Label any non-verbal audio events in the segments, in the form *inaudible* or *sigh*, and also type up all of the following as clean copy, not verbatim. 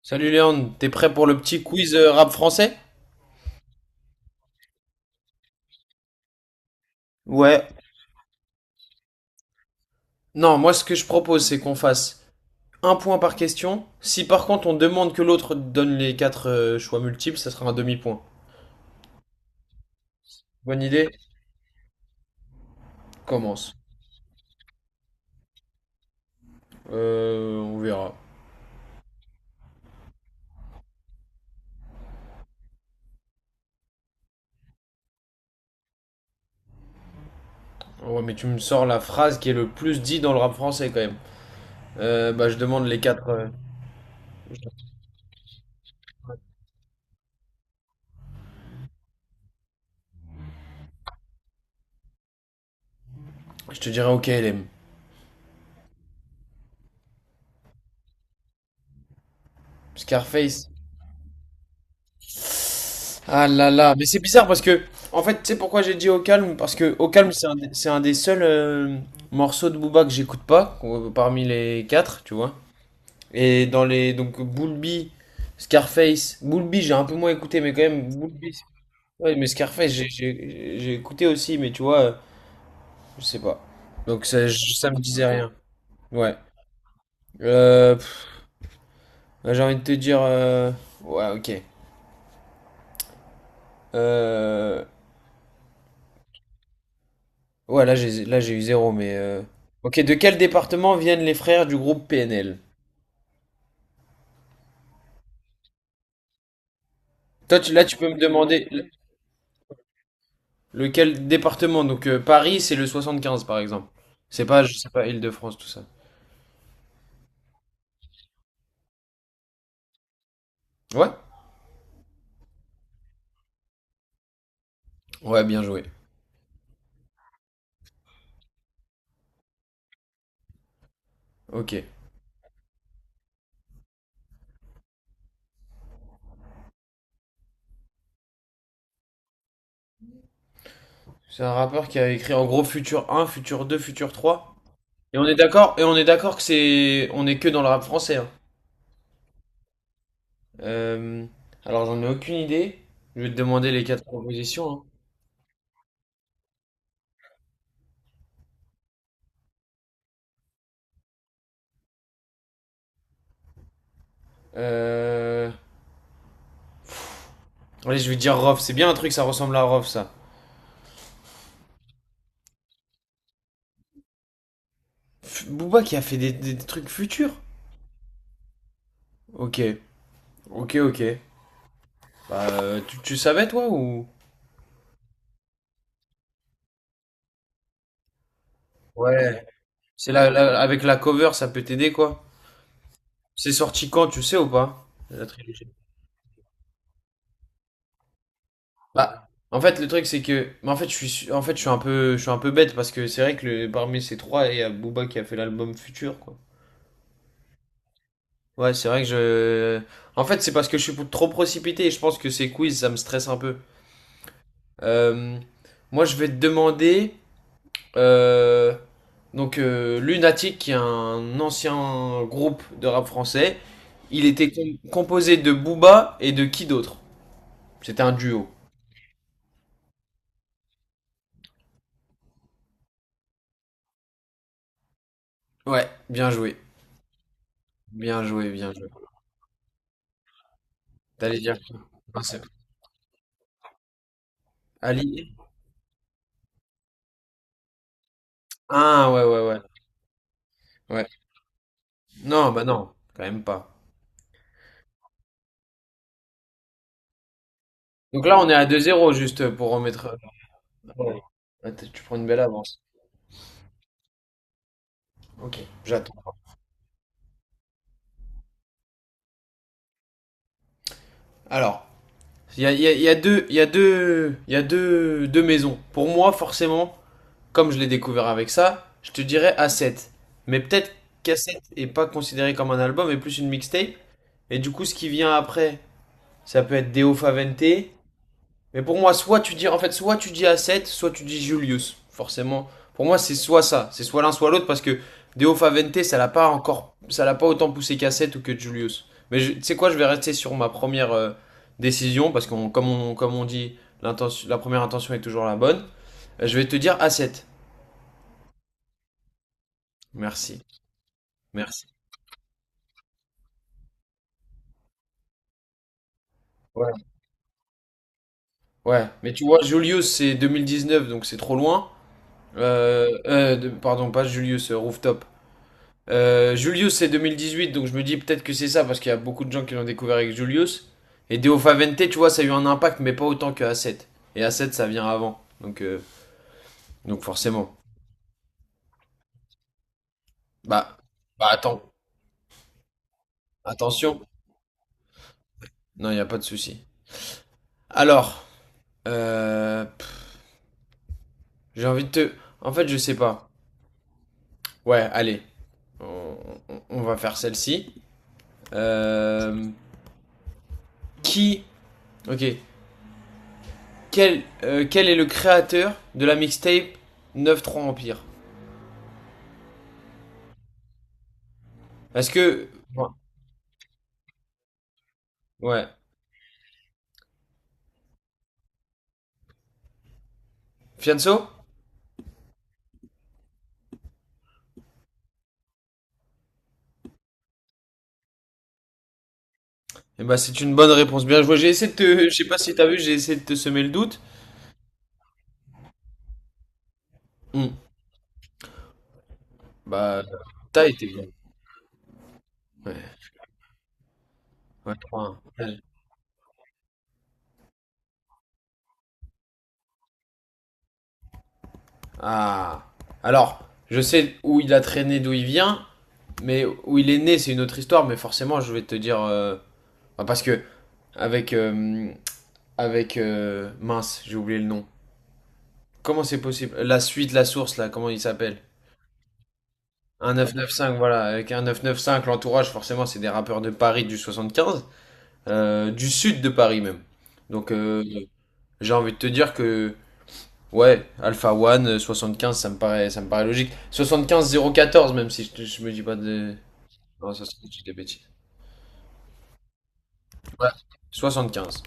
Salut Léon, t'es prêt pour le petit quiz rap français? Ouais, non, moi ce que je propose c'est qu'on fasse un point par question. Si par contre on demande que l'autre donne les quatre choix multiples, ça sera un demi-point. Bonne idée? Commence. On verra. Ouais, mais tu me sors la phrase qui est le plus dit dans le rap français quand même. Bah je demande les quatre. Je te dirai OK LM. Scarface. Ah là là, mais c'est bizarre parce que, en fait, tu sais pourquoi j'ai dit Au Calme? Parce que Au Calme, c'est un des seuls morceaux de Booba que j'écoute pas, parmi les quatre, tu vois. Et dans les, donc, Bulbi, Scarface, Bulbi, j'ai un peu moins écouté, mais quand même, Bulbi, ouais, mais Scarface, j'ai écouté aussi, mais tu vois, je sais pas. Donc ça, je- ça me disait rien. Ouais. Euh, pff, j'ai envie de te dire, ouais, ok. Euh, Ouais, là j'ai eu zéro, mais, ok, de quel département viennent les frères du groupe PNL? Toi, tu- là, tu peux me demander le- lequel département. Donc Paris, c'est le 75, par exemple. C'est pas, je sais pas, Île-de-France, tout ça. Ouais? Ouais, bien joué. Ok. C'est un rappeur qui a écrit en gros Futur un Futur 2 Futur trois. Et on est d'accord, et on est d'accord que c'est, on est que dans le rap français, hein. Euh, Alors j'en ai aucune idée. Je vais te demander les quatre propositions, hein. Euh... Allez, je vais dire Rof. C'est bien un truc, ça ressemble à Rof, ça. F- Booba qui a fait des trucs futurs. Ok, ok. Bah, tu, tu savais toi ou... Ouais. C'est la, la- avec la cover, ça peut t'aider quoi. C'est sorti quand, tu sais ou pas? La trilogie. Bah, en fait, le truc c'est que, mais en fait, je suis, su- en fait, je suis un peu bête parce que c'est vrai que le- parmi ces trois, il y a Booba qui a fait l'album Futur quoi. Ouais, c'est vrai que je, en fait, c'est parce que je suis trop précipité et je pense que ces quiz, ça me stresse un peu. Euh, Moi, je vais te demander. Euh, Lunatic, qui est un ancien groupe de rap français, il était com- composé de Booba et de qui d'autre? C'était un duo. Ouais, bien joué. Bien joué, bien joué. T'allais dire. Ah, c'est- Ali? Ah ouais, ouais, ouais. Ouais. Non, bah non, quand même pas. Donc là, on est à deux zéro juste pour remettre... Ouais. Ouais, t- tu prends une belle avance. Ok, j'attends. Alors, il y a, il y a- il y a deux, il y a deux, il y a deux, deux maisons. Pour moi, forcément, comme je l'ai découvert avec ça, je te dirais A7. Mais peut-être qu'A7 est pas considéré comme un album, mais plus une mixtape. Et du coup, ce qui vient après, ça peut être Deo Favente. Mais pour moi, soit tu dis, en fait, soit tu dis A7, soit tu dis Julius. Forcément. Pour moi, c'est soit ça. C'est soit l'un, soit l'autre, parce que Deo Favente, ça l'a pas autant poussé qu'A7 ou que Julius. Mais je- tu sais quoi, je vais rester sur ma première décision, parce que comme on dit, l'intention- la première intention est toujours la bonne. Je vais te dire A7. Merci. Merci. Ouais. Ouais. Mais tu vois, Julius, c'est 2019, donc c'est trop loin. De- pardon, pas Julius, Rooftop. Julius, c'est 2018, donc je me dis peut-être que c'est ça, parce qu'il y a beaucoup de gens qui l'ont découvert avec Julius. Et Deo Favente, tu vois, ça a eu un impact, mais pas autant que A7. Et A7, ça vient avant. Donc forcément. Bah, Bah attends. Attention. Non, il n'y a pas de souci. Alors, euh, pff, j'ai envie de te... En fait, je sais pas. Ouais, allez. On, on va faire celle-ci. Euh, Qui. Ok. Quel, quel est le créateur de la mixtape 9-3 Empire? Est-ce que. Moi. Ouais. Fianso. Eh ben, c'est une bonne réponse. Bien joué. J'ai essayé de te. Je sais pas si t'as vu, j'ai essayé de te semer le doute. Hmm. Bah, t'as été bon. Ouais. Ouais, 3-1. Ouais. Ah. Alors, je sais où il a traîné, d'où il vient, mais où il est né, c'est une autre histoire, mais forcément, je vais te dire, bah, parce que. Avec. euh, avec, mince, j'ai oublié le nom. Comment c'est possible? La suite, la source, là, comment il s'appelle? Un 995, voilà. Avec un 995, l'entourage, forcément, c'est des rappeurs de Paris du 75, du sud de Paris même. Donc, j'ai envie de te dire que, ouais, Alpha One, 15, ça me paraît logique. 75014, même si je, je me dis pas de. Non, ça, c'est des bêtises. Ouais, 15.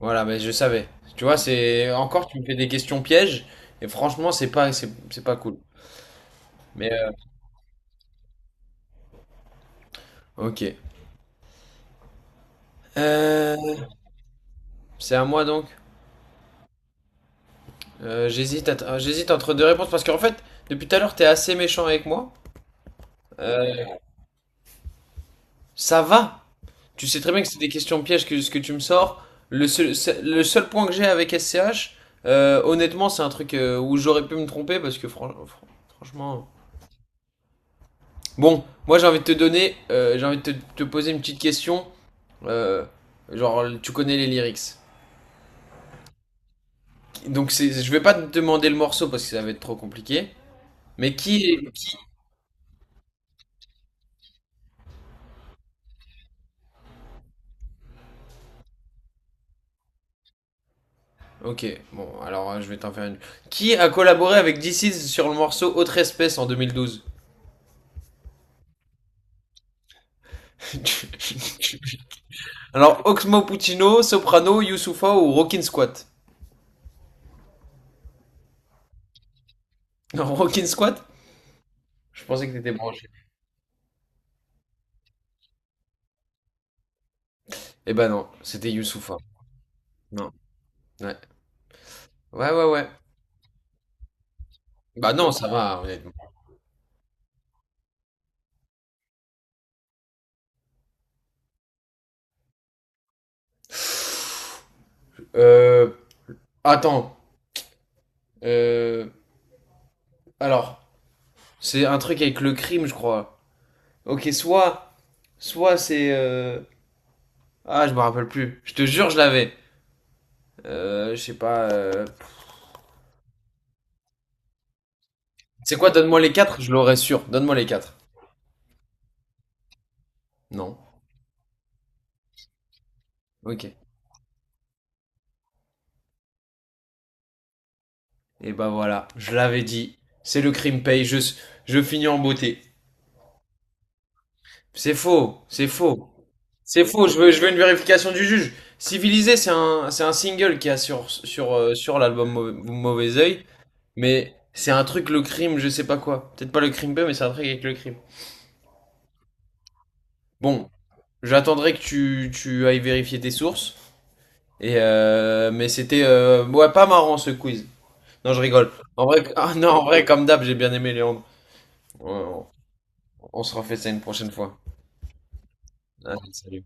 Voilà, mais je savais. Tu vois, c'est. Encore, tu me fais des questions pièges, et franchement, c'est pas, c'est pas cool. Mais, ok. Euh, C'est à moi donc. J'hésite à j'hésite entre deux réponses parce qu'en fait, depuis tout à l'heure, t'es assez méchant avec moi. Euh, Ça va. Tu sais très bien que c'est des questions pièges que ce que tu me sors. Le seul, c'est- le seul point que j'ai avec SCH, honnêtement, c'est un truc où j'aurais pu me tromper parce que franchement. Bon, moi j'ai envie de te donner, j'ai envie de te, te poser une petite question. Euh, genre, tu connais les lyrics. Donc c'est- je vais pas te demander le morceau parce que ça va être trop compliqué. Mais qui. Ok, bon, alors je vais t'en faire une. Qui a collaboré avec DC's sur le morceau Autre Espèce en 2012? *laughs* Alors, Oxmo Puccino, Soprano, Youssoufa ou Rockin' Squat? Non, *laughs* Rockin' Squat. Je pensais que t'étais branché. Eh ben non, c'était Youssoufa. Non, ouais. Ouais, ouais, ouais. Bah non, ça va, honnêtement. Euh. Attends. Euh. Alors, c'est un truc avec le crime, je crois. Ok, soit. Soit c'est. Ah, je me rappelle plus. Je te jure, je l'avais. Je sais pas. C'est quoi, donne-moi les quatre, je l'aurais sûr. Donne-moi les quatre. Non. Ok. Et bah voilà, je l'avais dit. C'est le crime paye, je finis en beauté. C'est faux, c'est faux. C'est faux, je veux une vérification du juge. Civilisé, c'est un single qui a sur, sur, sur l'album Mau- Mauvais Oeil, mais c'est un truc, le crime, je sais pas quoi. Peut-être pas le crime paye, mais c'est un truc avec le crime. Bon, j'attendrai que tu ailles vérifier tes sources. Et mais c'était ouais, pas marrant ce quiz. Non, je rigole. En vrai, *laughs* ah non, en vrai, comme d'hab, j'ai bien aimé Léandre. Ouais, on se refait ça une prochaine fois. Allez, salut.